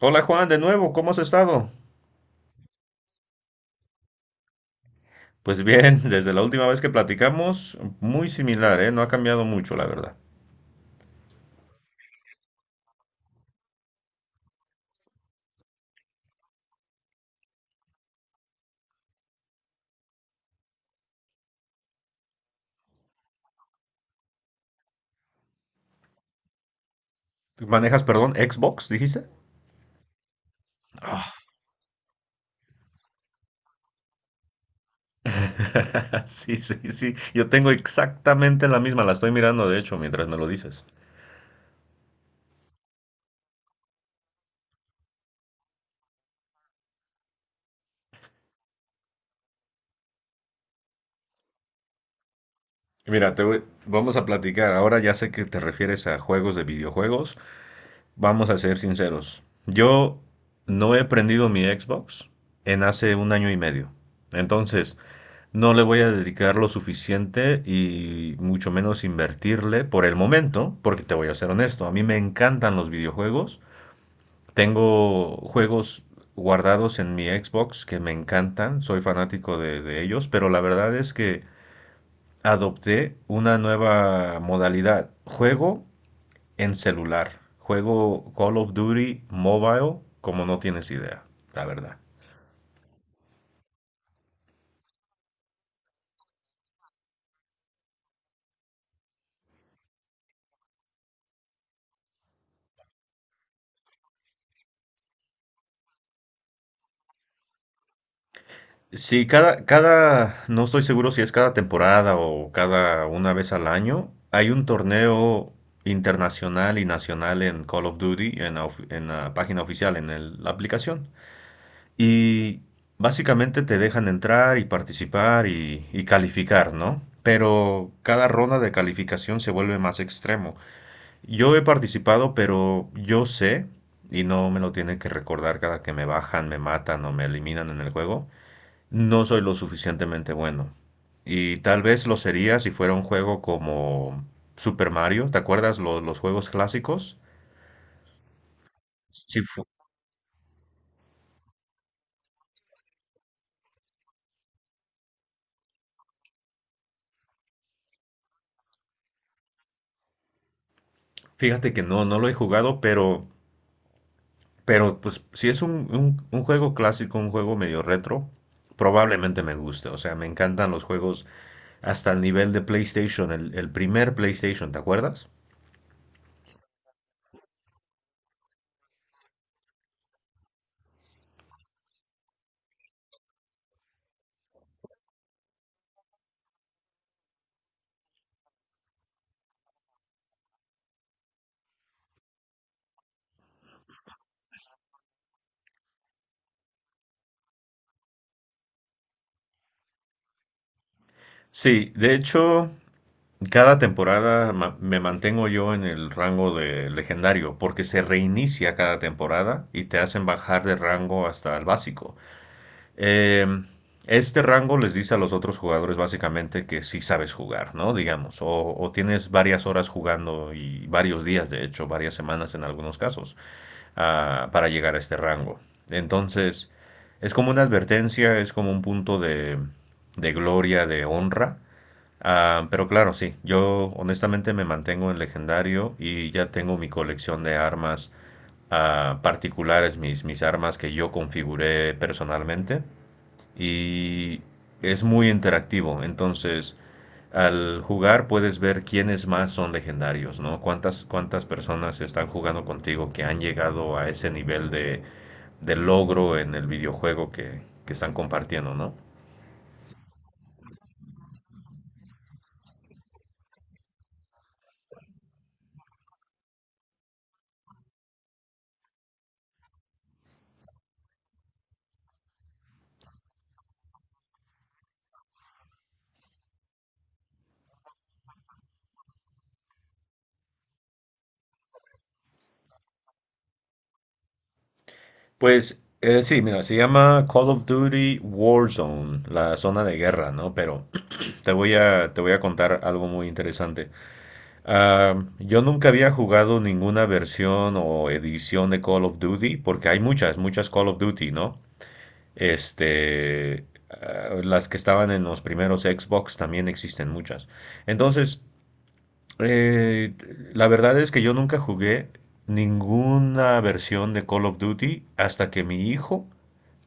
Hola Juan, de nuevo, ¿cómo has estado? Pues bien, desde la última vez que platicamos, muy similar, ¿eh? No ha cambiado mucho, la verdad. ¿Tú Manejas, Xbox, dijiste? Ah, sí, sí, sí. Yo tengo exactamente la misma, la estoy mirando, de hecho, mientras me lo dices. Mira, vamos a platicar. Ahora ya sé que te refieres a juegos de videojuegos. Vamos a ser sinceros. Yo no he prendido mi Xbox en hace un año y medio. Entonces, no le voy a dedicar lo suficiente y mucho menos invertirle por el momento, porque te voy a ser honesto, a mí me encantan los videojuegos. Tengo juegos guardados en mi Xbox que me encantan, soy fanático de ellos, pero la verdad es que adopté una nueva modalidad. Juego en celular. Juego Call of Duty Mobile como no tienes idea, la verdad. Sí, cada, no estoy seguro si es cada temporada o cada una vez al año, hay un torneo internacional y nacional en Call of Duty, en en la página oficial, en la aplicación. Y básicamente te dejan entrar y participar y calificar, ¿no? Pero cada ronda de calificación se vuelve más extremo. Yo he participado, pero yo sé, y no me lo tienen que recordar cada que me bajan, me matan o me eliminan en el juego, no soy lo suficientemente bueno. Y tal vez lo sería si fuera un juego como Super Mario, ¿te acuerdas los juegos clásicos? Sí, fíjate que no, no lo he jugado, pero pues si es un juego clásico, un juego medio retro, probablemente me guste. O sea, me encantan los juegos hasta el nivel de PlayStation, el primer PlayStation, ¿te acuerdas? Sí, de hecho, cada temporada me mantengo yo en el rango de legendario, porque se reinicia cada temporada y te hacen bajar de rango hasta el básico. Eh, este rango les dice a los otros jugadores básicamente que sí sabes jugar, ¿no? Digamos, o tienes varias horas jugando y varios días, de hecho, varias semanas en algunos casos, para llegar a este rango. Entonces, es como una advertencia, es como un punto de gloria, de honra. Ah, pero claro, sí, yo honestamente me mantengo en legendario y ya tengo mi colección de armas, particulares, mis armas que yo configuré personalmente y es muy interactivo, entonces al jugar puedes ver quiénes más son legendarios, ¿no? Cuántas personas están jugando contigo que han llegado a ese nivel de logro en el videojuego que están compartiendo, ¿no? Pues sí, mira, se llama Call of Duty Warzone, la zona de guerra, ¿no? Pero te voy a contar algo muy interesante. Yo nunca había jugado ninguna versión o edición de Call of Duty, porque hay muchas, muchas Call of Duty, ¿no? Este, las que estaban en los primeros Xbox también existen muchas. Entonces, eh, la verdad es que yo nunca jugué ninguna versión de Call of Duty hasta que mi hijo,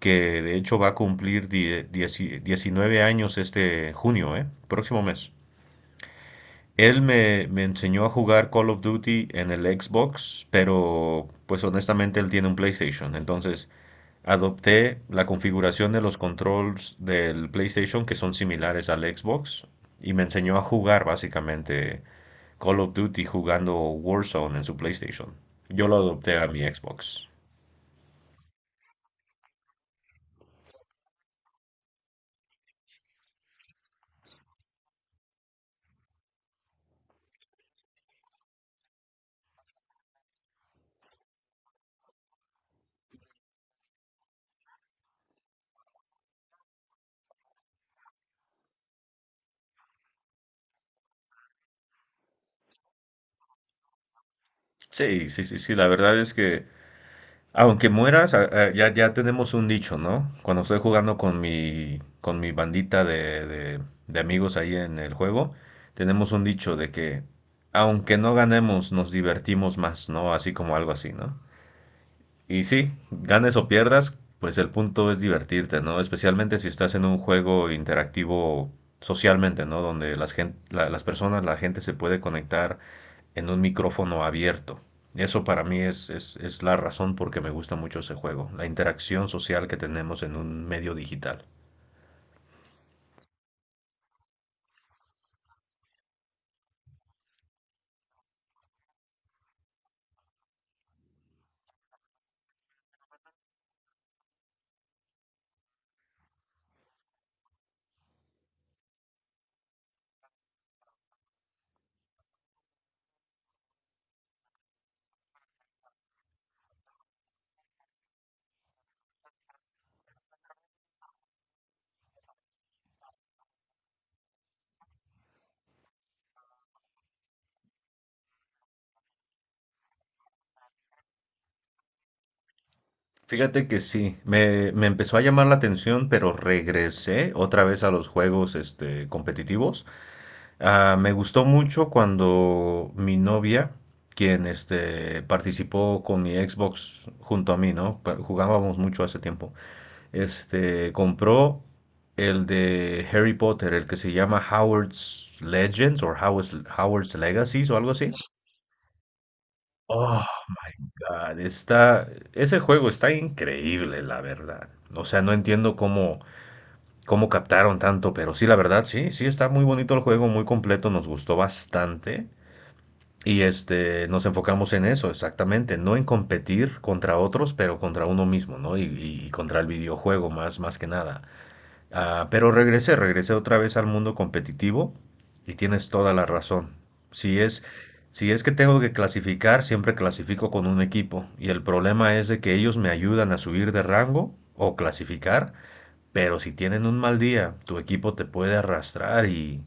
que de hecho va a cumplir 19 años este junio, ¿eh? Próximo mes. Él me enseñó a jugar Call of Duty en el Xbox, pero pues honestamente él tiene un PlayStation. Entonces adopté la configuración de los controls del PlayStation que son similares al Xbox y me enseñó a jugar básicamente Call of Duty jugando Warzone en su PlayStation. Yo lo adopté a mi Xbox. Sí, sí, sí, sí. La verdad es que aunque mueras, ya, ya tenemos un dicho, ¿no? Cuando estoy jugando con mi bandita de amigos ahí en el juego, tenemos un dicho de que aunque no ganemos, nos divertimos más, ¿no? Así como algo así, ¿no? Y sí, ganes o pierdas, pues el punto es divertirte, ¿no? Especialmente si estás en un juego interactivo socialmente, ¿no? Donde las las personas, la gente se puede conectar en un micrófono abierto. Eso para mí es la razón por que me gusta mucho ese juego, la interacción social que tenemos en un medio digital. Fíjate que sí, me empezó a llamar la atención, pero regresé otra vez a los juegos este, competitivos. Ah, me gustó mucho cuando mi novia, quien este, participó con mi Xbox junto a mí, ¿no? Jugábamos mucho hace tiempo. Este, compró el de Harry Potter, el que se llama Howard's Legends o Howard's Legacies o algo así. Oh, God, ese juego está increíble, la verdad. O sea, no entiendo cómo captaron tanto, pero sí, la verdad, sí, sí está muy bonito el juego, muy completo, nos gustó bastante. Y este, nos enfocamos en eso, exactamente, no en competir contra otros, pero contra uno mismo, ¿no? Contra el videojuego más, más que nada. Ah, pero regresé otra vez al mundo competitivo y tienes toda la razón. Si es, si es que tengo que clasificar, siempre clasifico con un equipo. Y el problema es de que ellos me ayudan a subir de rango o clasificar, pero si tienen un mal día, tu equipo te puede arrastrar y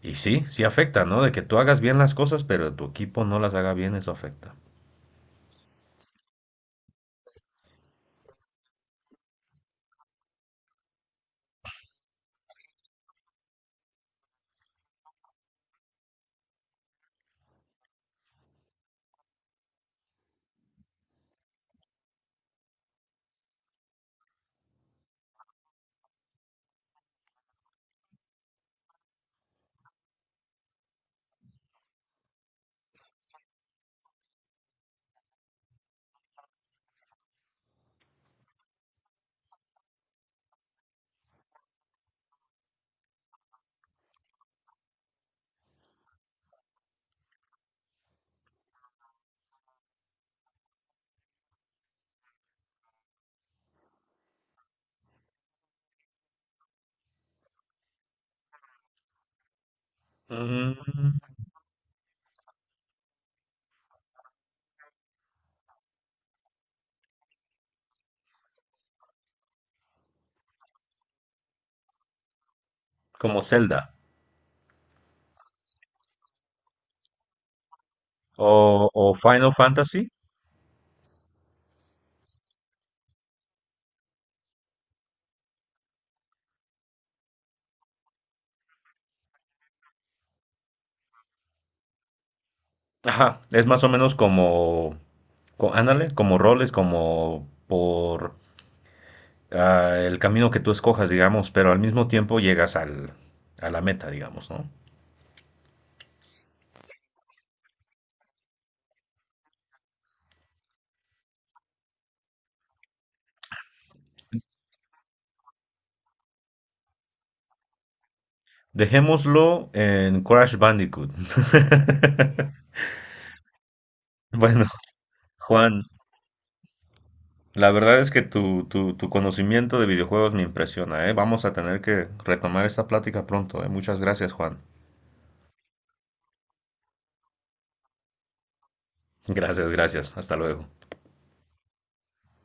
y sí, sí afecta, ¿no? De que tú hagas bien las cosas, pero tu equipo no las haga bien, eso afecta. Mm, como Zelda o Final Fantasy. Ajá, es más o menos como, ándale, como roles, como por el camino que tú escojas, digamos, pero al mismo tiempo llegas a la meta, digamos, ¿no? Dejémoslo en Crash Bandicoot. Bueno, Juan. La verdad es que tu conocimiento de videojuegos me impresiona, ¿eh? Vamos a tener que retomar esta plática pronto, ¿eh? Muchas gracias, Juan. Gracias, gracias. Hasta luego.